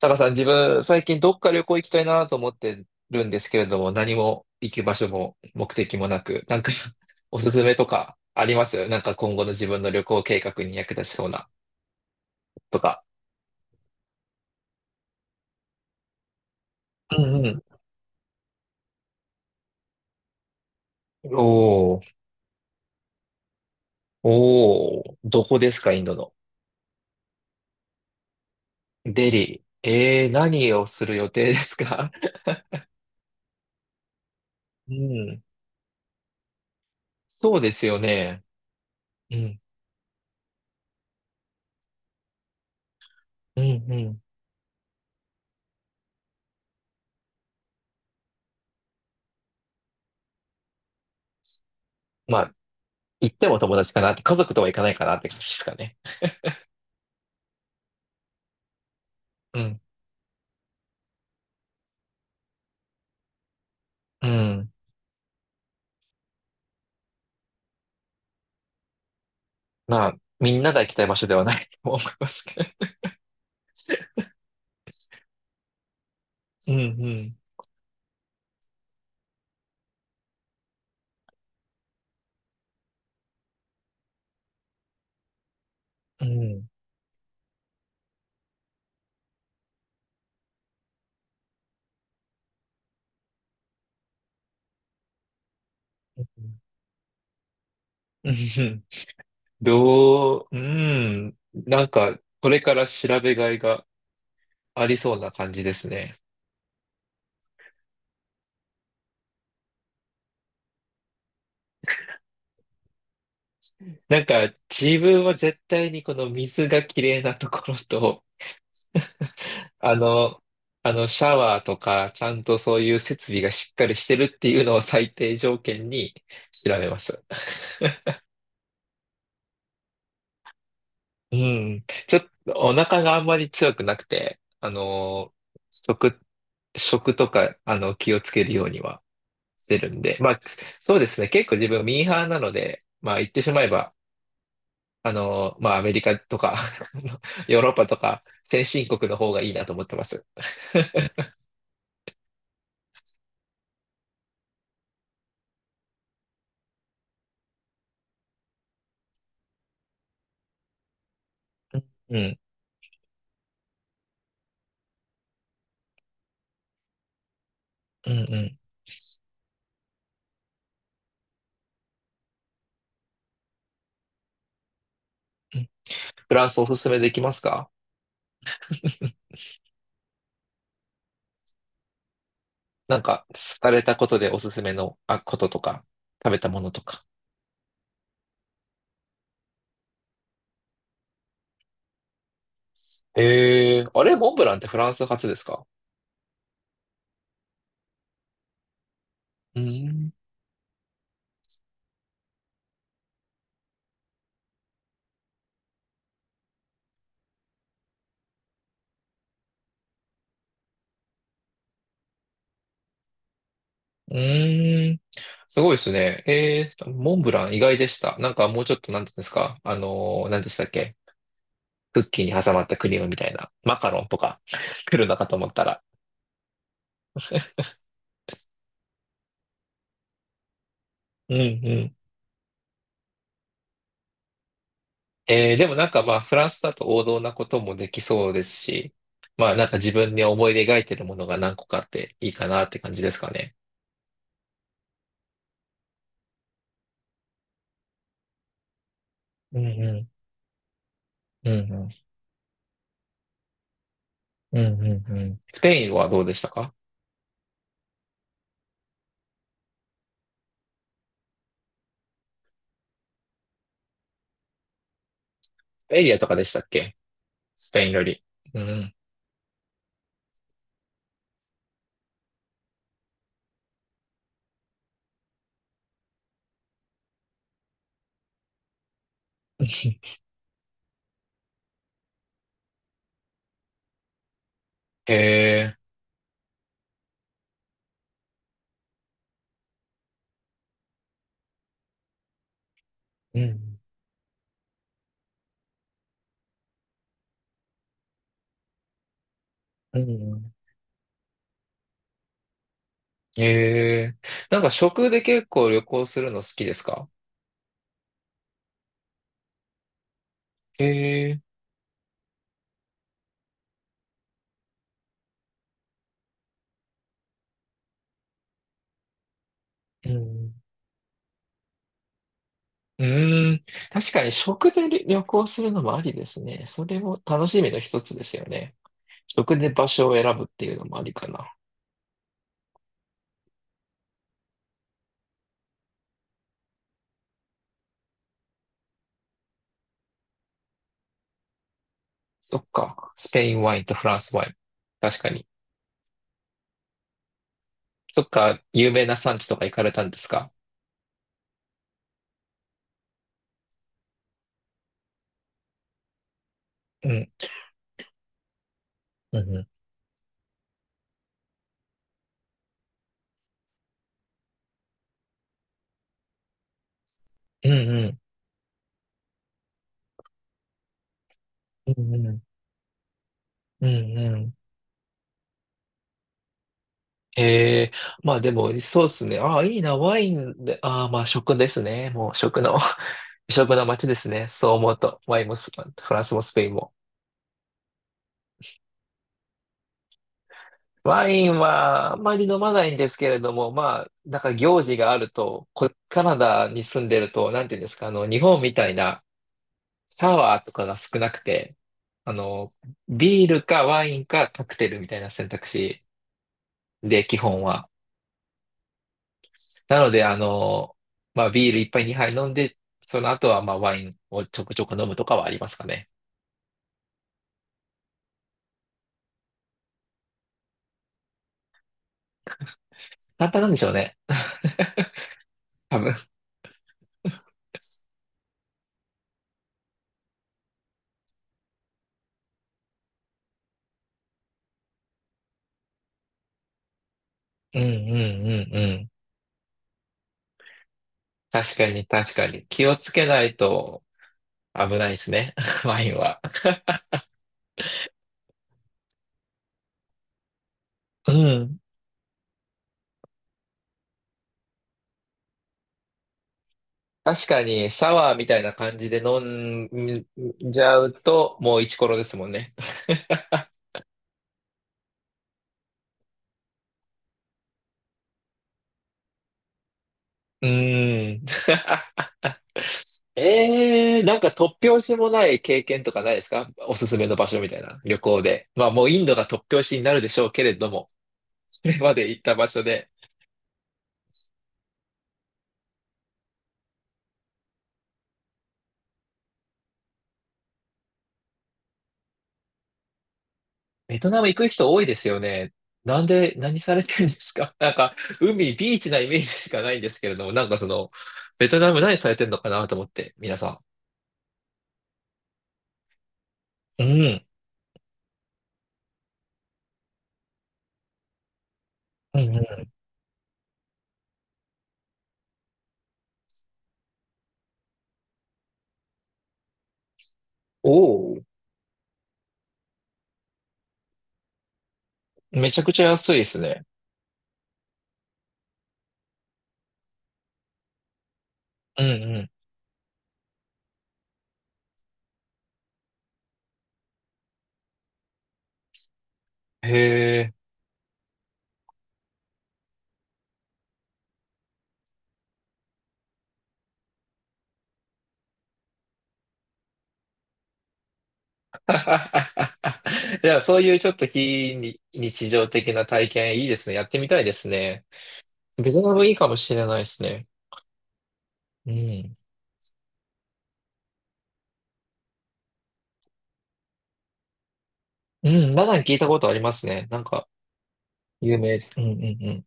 タカさん、自分、最近どっか旅行行きたいなと思ってるんですけれども、何も行く場所も目的もなく、なんか おすすめとかありますなんか今後の自分の旅行計画に役立ちそうなとか。うんうん。おー、おー、どこですか、インドの。デリー。えー、何をする予定ですか？ うん。そうですよね。うん、うん、うん。まあ、行っても友達かなって、家族とは行かないかなって感じですかね。うん、うん。まあ、みんなが行きたい場所ではない と思いますけど。うんうん。うんうんうんどう、うん。なんか、これから調べがいがありそうな感じですね。なんか、自分は絶対にこの水がきれいなところと、あの、あの、シャワーとか、ちゃんとそういう設備がしっかりしてるっていうのを最低条件に調べます。うん。ちょっとお腹があんまり強くなくて、食とか、あの、気をつけるようにはしてるんで、まあ、そうですね。結構自分ミーハーなので、まあ、言ってしまえば、まあ、アメリカとか あのヨーロッパとか、先進国の方がいいなと思ってます。うん、うん、うん。うんフランスおすすめできますか？ なんか、されたことでおすすめの、あ、こととか、食べたものとか。えー、あれ、モンブランってフランス発ですか？うん。うーん。すごいですね。えー、モンブラン意外でした。なんかもうちょっと、なんていうんですか。なんでしたっけ。クッキーに挟まったクリームみたいな。マカロンとか 来るのかと思ったら。うんうん。えー、でもなんかまあ、フランスだと王道なこともできそうですし、まあなんか自分に思い描いてるものが何個かあっていいかなって感じですかね。うんうん。うんうん。うんうんうん。スペインはどうでしたか？エリアとかでしたっけ？スペインより。うん。へうん。うん。ええ。なんか食で結構旅行するの好きですか？ええ。うん。うーん。確かに食で旅旅行するのもありですね。それも楽しみの一つですよね。食で場所を選ぶっていうのもありかな。そっか。スペインワインとフランスワイン。確かに。そっか。有名な産地とか行かれたんですか？うん。うんうん。うんうん。うんうんうんうん。ええ、まあでも、そうですね。ああ、いいな、ワインで、ああ、まあ食ですね。もう食の、食の街ですね。そう思うと、ワインもスフランスもスペインも。ワインはあんまり飲まないんですけれども、まあ、なんか行事があると、こ、カナダに住んでると、なんていうんですか、あの、日本みたいなサワーとかが少なくて、あの、ビールかワインかカクテルみたいな選択肢で、基本は。なので、あの、まあ、ビール一杯二杯飲んで、その後は、まあ、ワインをちょくちょく飲むとかはありますかね。簡単なんでしょうね。多分。うんうんうんうん。確かに確かに。気をつけないと危ないですね。ワインは。うん。確かに、サワーみたいな感じで飲んじゃうと、もうイチコロですもんね。うーん。ええなんか突拍子もない経験とかないですか？おすすめの場所みたいな旅行で。まあもうインドが突拍子になるでしょうけれども、それまで行った場所で。ベトナム行く人多いですよね。なんで、何されてるんですか？ なんか海、ビーチなイメージしかないんですけれども、なんかその、ベトナム何されてるのかなと思って、皆さん。うん。うんうん。おお、めちゃくちゃ安いですね。うんうん。へえ。いや、そういうちょっと非日日常的な体験いいですね。やってみたいですね。ベトナムいいかもしれないですね。うん。うん、ダナン聞いたことありますね。なんか、有名。うんうんうん。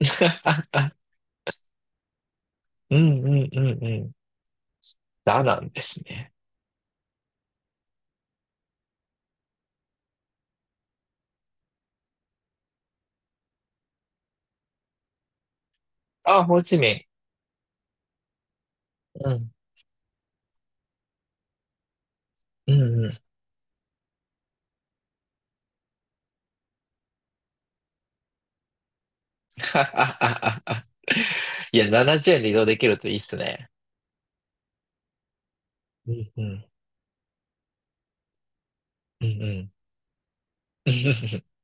うんうんうんうん。ダナンですね。あ、ホーチミン。うん。うんうん。いや、70円で移動できるといいっすね。うんうん。うんうん。